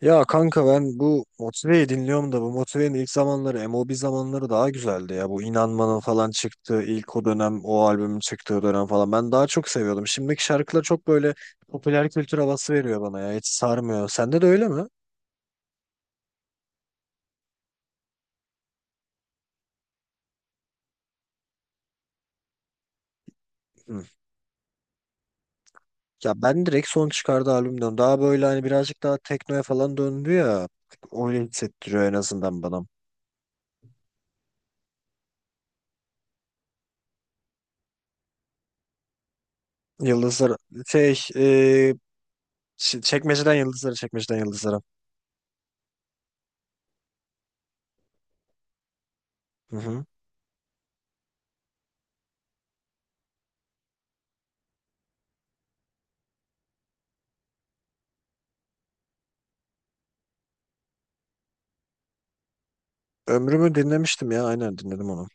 Ya kanka ben bu Motive'yi dinliyorum da bu Motive'nin ilk zamanları MOB zamanları daha güzeldi ya. Bu İnanmanın falan çıktığı ilk o dönem o albümün çıktığı dönem falan ben daha çok seviyordum. Şimdiki şarkılar çok böyle popüler kültür havası veriyor bana ya hiç sarmıyor. Sende de öyle mi? Hı. Ya ben direkt son çıkardığı albümden daha böyle hani birazcık daha teknoya falan döndü ya. Öyle hissettiriyor en azından bana. Yıldızlar şey e, çekmeceden yıldızlara. Hı hı. Ömrümü dinlemiştim ya aynen dinledim onu.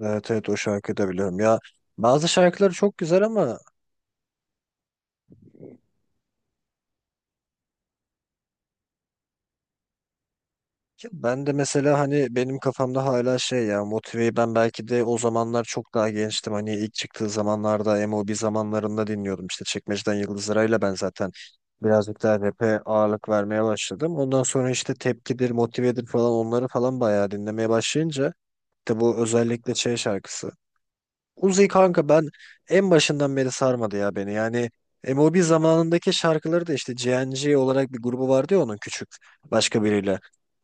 Evet evet, o şarkıyı da biliyorum. Ya bazı şarkıları çok güzel ama ya ben de mesela hani benim kafamda hala şey ya Motive'yi ben belki de o zamanlar çok daha gençtim. Hani ilk çıktığı zamanlarda MOB zamanlarında dinliyordum. İşte Çekmeceden Yıldız Ara'yla ben zaten birazcık daha rap'e ağırlık vermeye başladım. Ondan sonra işte Tepkidir, Motive'dir falan onları falan bayağı dinlemeye başlayınca de bu özellikle şey şarkısı. Uzi kanka ben en başından beri sarmadı ya beni. Yani MOB zamanındaki şarkıları da işte GNG olarak bir grubu vardı ya onun küçük başka biriyle.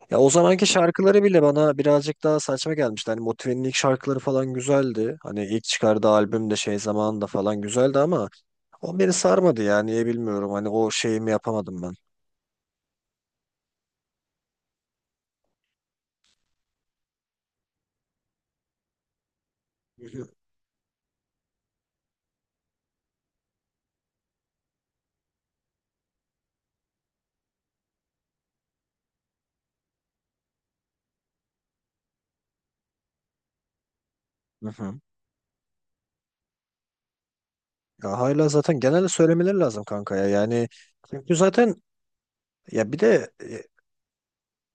Ya o zamanki şarkıları bile bana birazcık daha saçma gelmişti. Hani Motive'nin ilk şarkıları falan güzeldi. Hani ilk çıkardığı albüm de şey zamanında falan güzeldi ama o beni sarmadı ya niye bilmiyorum. Hani o şeyimi yapamadım ben. Hı hı. Hı hı. Ya hala zaten genelde söylemeleri lazım kanka ya. Yani çünkü zaten ya bir de.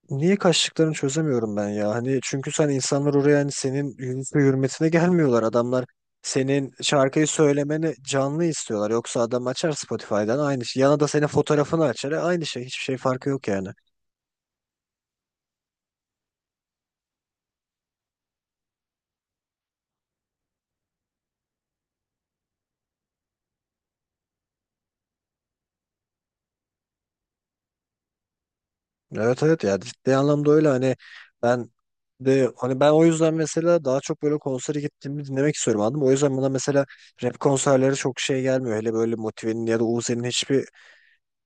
Niye kaçtıklarını çözemiyorum ben ya. Hani çünkü sen insanlar oraya hani senin yüzüne hürmetine gelmiyorlar. Adamlar senin şarkıyı söylemeni canlı istiyorlar. Yoksa adam açar Spotify'dan aynı şey. Yana da senin fotoğrafını açar. Aynı şey. Hiçbir şey farkı yok yani. Evet evet, ya ciddi anlamda öyle hani ben de hani ben o yüzden mesela daha çok böyle konsere gittiğimde dinlemek istiyorum, anladın mı? O yüzden bana mesela rap konserleri çok şey gelmiyor. Hele böyle Motive'nin ya da Uzi'nin hiçbir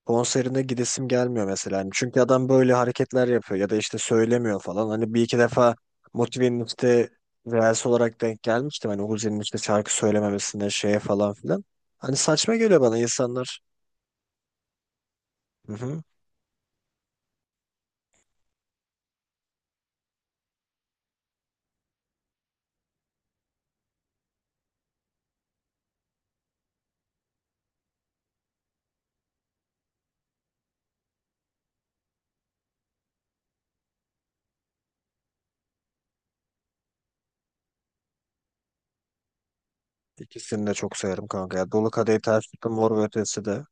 konserine gidesim gelmiyor mesela. Hani çünkü adam böyle hareketler yapıyor ya da işte söylemiyor falan. Hani bir iki defa Motive'nin işte reels olarak denk gelmiştim. Hani Uzi'nin işte şarkı söylememesine şeye falan filan. Hani saçma geliyor bana insanlar. Hı hı. İkisini de çok severim kanka. Ya. Dolu Kadehi Ters Tutun, Mor ve Ötesi de.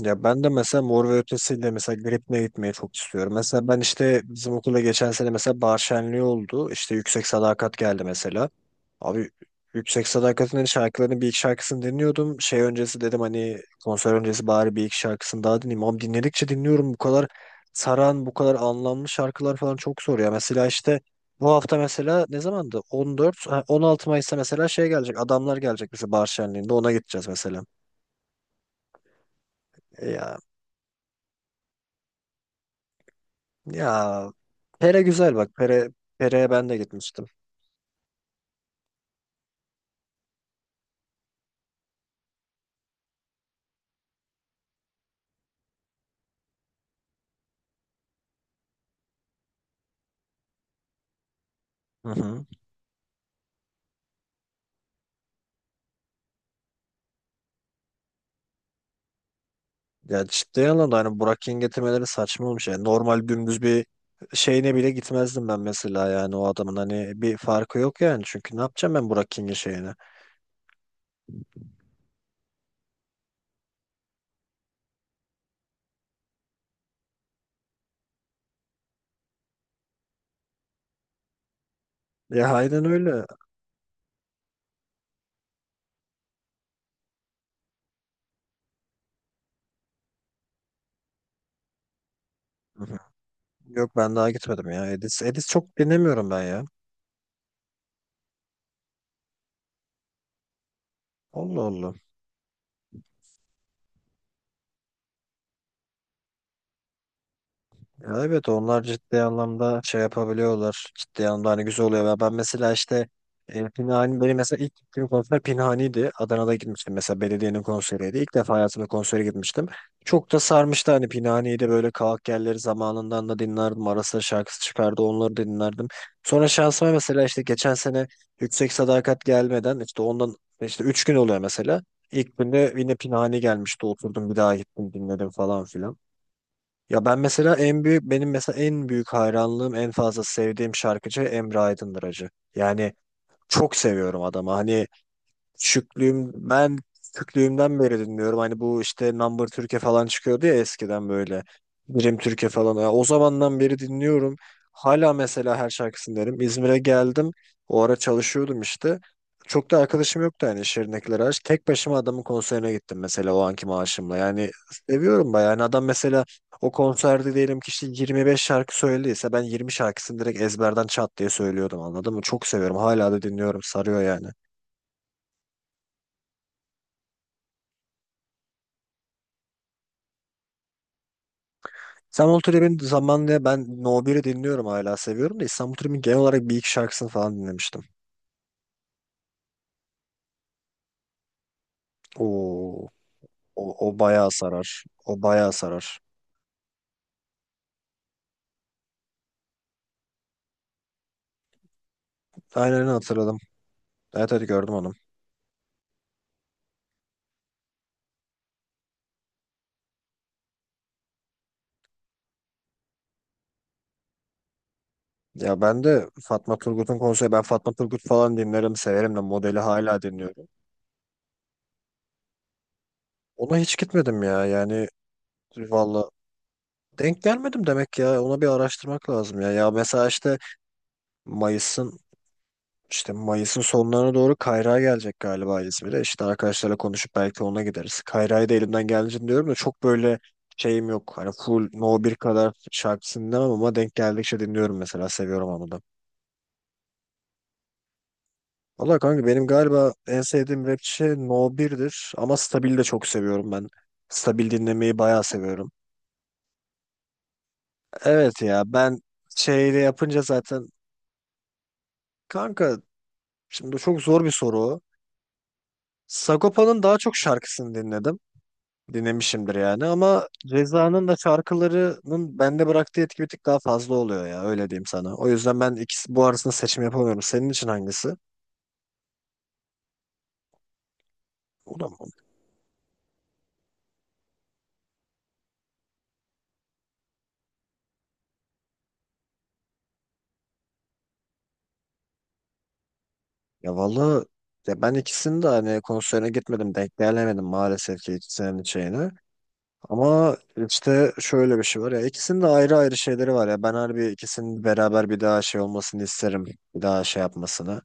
Ya ben de mesela Mor ve Ötesi'yle mesela Gripne gitmeyi çok istiyorum. Mesela ben işte bizim okula geçen sene mesela bahar şenliği oldu. İşte Yüksek Sadakat geldi mesela. Abi Yüksek Sadakat'ın hani şarkılarının bir iki şarkısını dinliyordum. Şey öncesi dedim hani konser öncesi bari bir iki şarkısını daha dinleyeyim. Ama dinledikçe dinliyorum, bu kadar saran, bu kadar anlamlı şarkılar falan çok zor ya. Mesela işte bu hafta mesela ne zamandı? 14, ha, 16 Mayıs'ta mesela şey gelecek. Adamlar gelecek mesela bahar şenliğinde ona gideceğiz mesela. Ya ya Pere güzel bak. Pere, Pere'ye ben de gitmiştim. Hı hı. Ya ciddi anlamda hani Burak Yıldırım getirmeleri saçma olmuş. Yani normal dümdüz bir şeyine bile gitmezdim ben mesela, yani o adamın hani bir farkı yok yani. Çünkü ne yapacağım ben Burak King'in şeyine? Ya aynen öyle. Hı hı. Yok, ben daha gitmedim ya. Edis çok dinlemiyorum ben ya. Allah Allah. Ya evet, onlar ciddi anlamda şey yapabiliyorlar. Ciddi anlamda hani güzel oluyor. Ya ben mesela işte Pinhani, benim mesela ilk gittiğim konser Pinhani'ydi. Adana'da gitmiştim mesela, belediyenin konseriydi. İlk defa hayatımda konsere gitmiştim. Çok da sarmıştı hani, pinhaniydi, böyle kavak yerleri zamanından da dinlerdim. Ara sıra şarkısı çıkardı, onları da dinlerdim. Sonra şansıma mesela işte geçen sene Yüksek Sadakat gelmeden işte ondan işte 3 gün oluyor mesela. İlk günde yine Pinhani gelmişti, oturdum bir daha gittim dinledim falan filan. Ya ben mesela en büyük, benim mesela en büyük hayranlığım, en fazla sevdiğim şarkıcı Emre Aydındır. Yani çok seviyorum adamı. Hani ben küçüklüğümden beri dinliyorum. Hani bu işte Number Türkiye falan çıkıyordu ya eskiden böyle. Birim Türkiye falan. Ya o zamandan beri dinliyorum. Hala mesela her şarkısını derim. İzmir'e geldim. O ara çalışıyordum işte. Çok da arkadaşım yoktu yani, şirinlikleri aç. Tek başıma adamın konserine gittim mesela o anki maaşımla. Yani seviyorum bayağı. Yani adam mesela o konserde diyelim ki işte 25 şarkı söylediyse ben 20 şarkısını direkt ezberden çat diye söylüyordum, anladın mı? Çok seviyorum. Hala da dinliyorum. Sarıyor yani. İstanbul Trip'in zamanında ben No 1'i dinliyorum, hala seviyorum da, İstanbul Trip'in genel olarak bir iki şarkısını falan dinlemiştim. Oo, o bayağı sarar. O bayağı sarar. Aynen öyle, hatırladım. Evet evet, gördüm onu. Ya ben de Fatma Turgut'un konseri, ben Fatma Turgut falan dinlerim severim de, modeli hala dinliyorum. Ona hiç gitmedim ya, yani valla denk gelmedim demek, ya ona bir araştırmak lazım ya. Ya mesela işte Mayıs'ın İşte Mayıs'ın sonlarına doğru Kayra'ya gelecek galiba, İzmir'e. İşte arkadaşlarla konuşup belki ona gideriz. Kayra'yı da elimden geldiğince diyorum da çok böyle şeyim yok. Hani full No 1 kadar şarkısını dinlemem ama denk geldikçe dinliyorum mesela. Seviyorum onu da. Valla kanka benim galiba en sevdiğim rapçi No 1'dir ama Stabil'i de çok seviyorum ben. Stabil dinlemeyi bayağı seviyorum. Evet ya, ben şeyle yapınca zaten kanka, şimdi çok zor bir soru o. Sagopa'nın daha çok şarkısını dinledim. Dinlemişimdir yani, ama Ceza'nın da şarkılarının bende bıraktığı etki bir tık daha fazla oluyor ya, öyle diyeyim sana. O yüzden ben ikisi bu arasında seçim yapamıyorum. Senin için hangisi? O da mı? Ya vallahi, ya ben ikisini de hani konserine gitmedim, denk gelemedim maalesef ki ikisinin şeyini. Ama işte şöyle bir şey var ya, ikisinin de ayrı ayrı şeyleri var ya, ben harbi ikisinin beraber bir daha şey olmasını isterim. Bir daha şey yapmasını.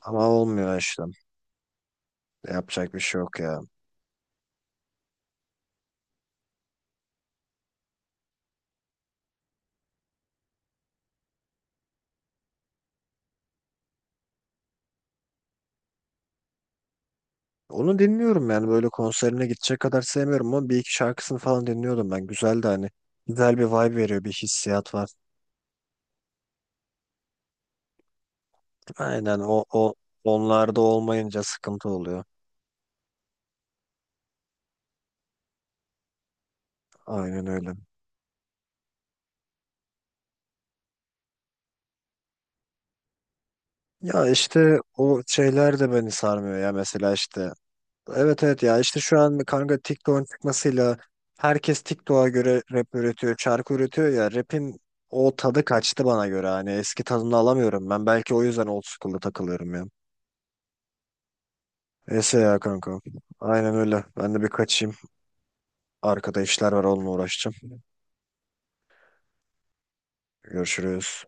Ama olmuyor işte. Yapacak bir şey yok ya. Onu dinliyorum yani, böyle konserine gidecek kadar sevmiyorum ama bir iki şarkısını falan dinliyordum ben. Güzel de hani, güzel bir vibe veriyor, bir hissiyat var. Aynen o onlarda olmayınca sıkıntı oluyor. Aynen öyle. Ya işte o şeyler de beni sarmıyor ya mesela işte. Evet evet, ya işte şu an kanka TikTok'un çıkmasıyla herkes TikTok'a göre rap üretiyor, şarkı üretiyor ya, rap'in o tadı kaçtı bana göre, hani eski tadını alamıyorum ben. Belki o yüzden old school'da takılıyorum ya. Neyse ya kanka. Aynen öyle. Ben de bir kaçayım. Arkada işler var, onunla uğraşacağım. Görüşürüz.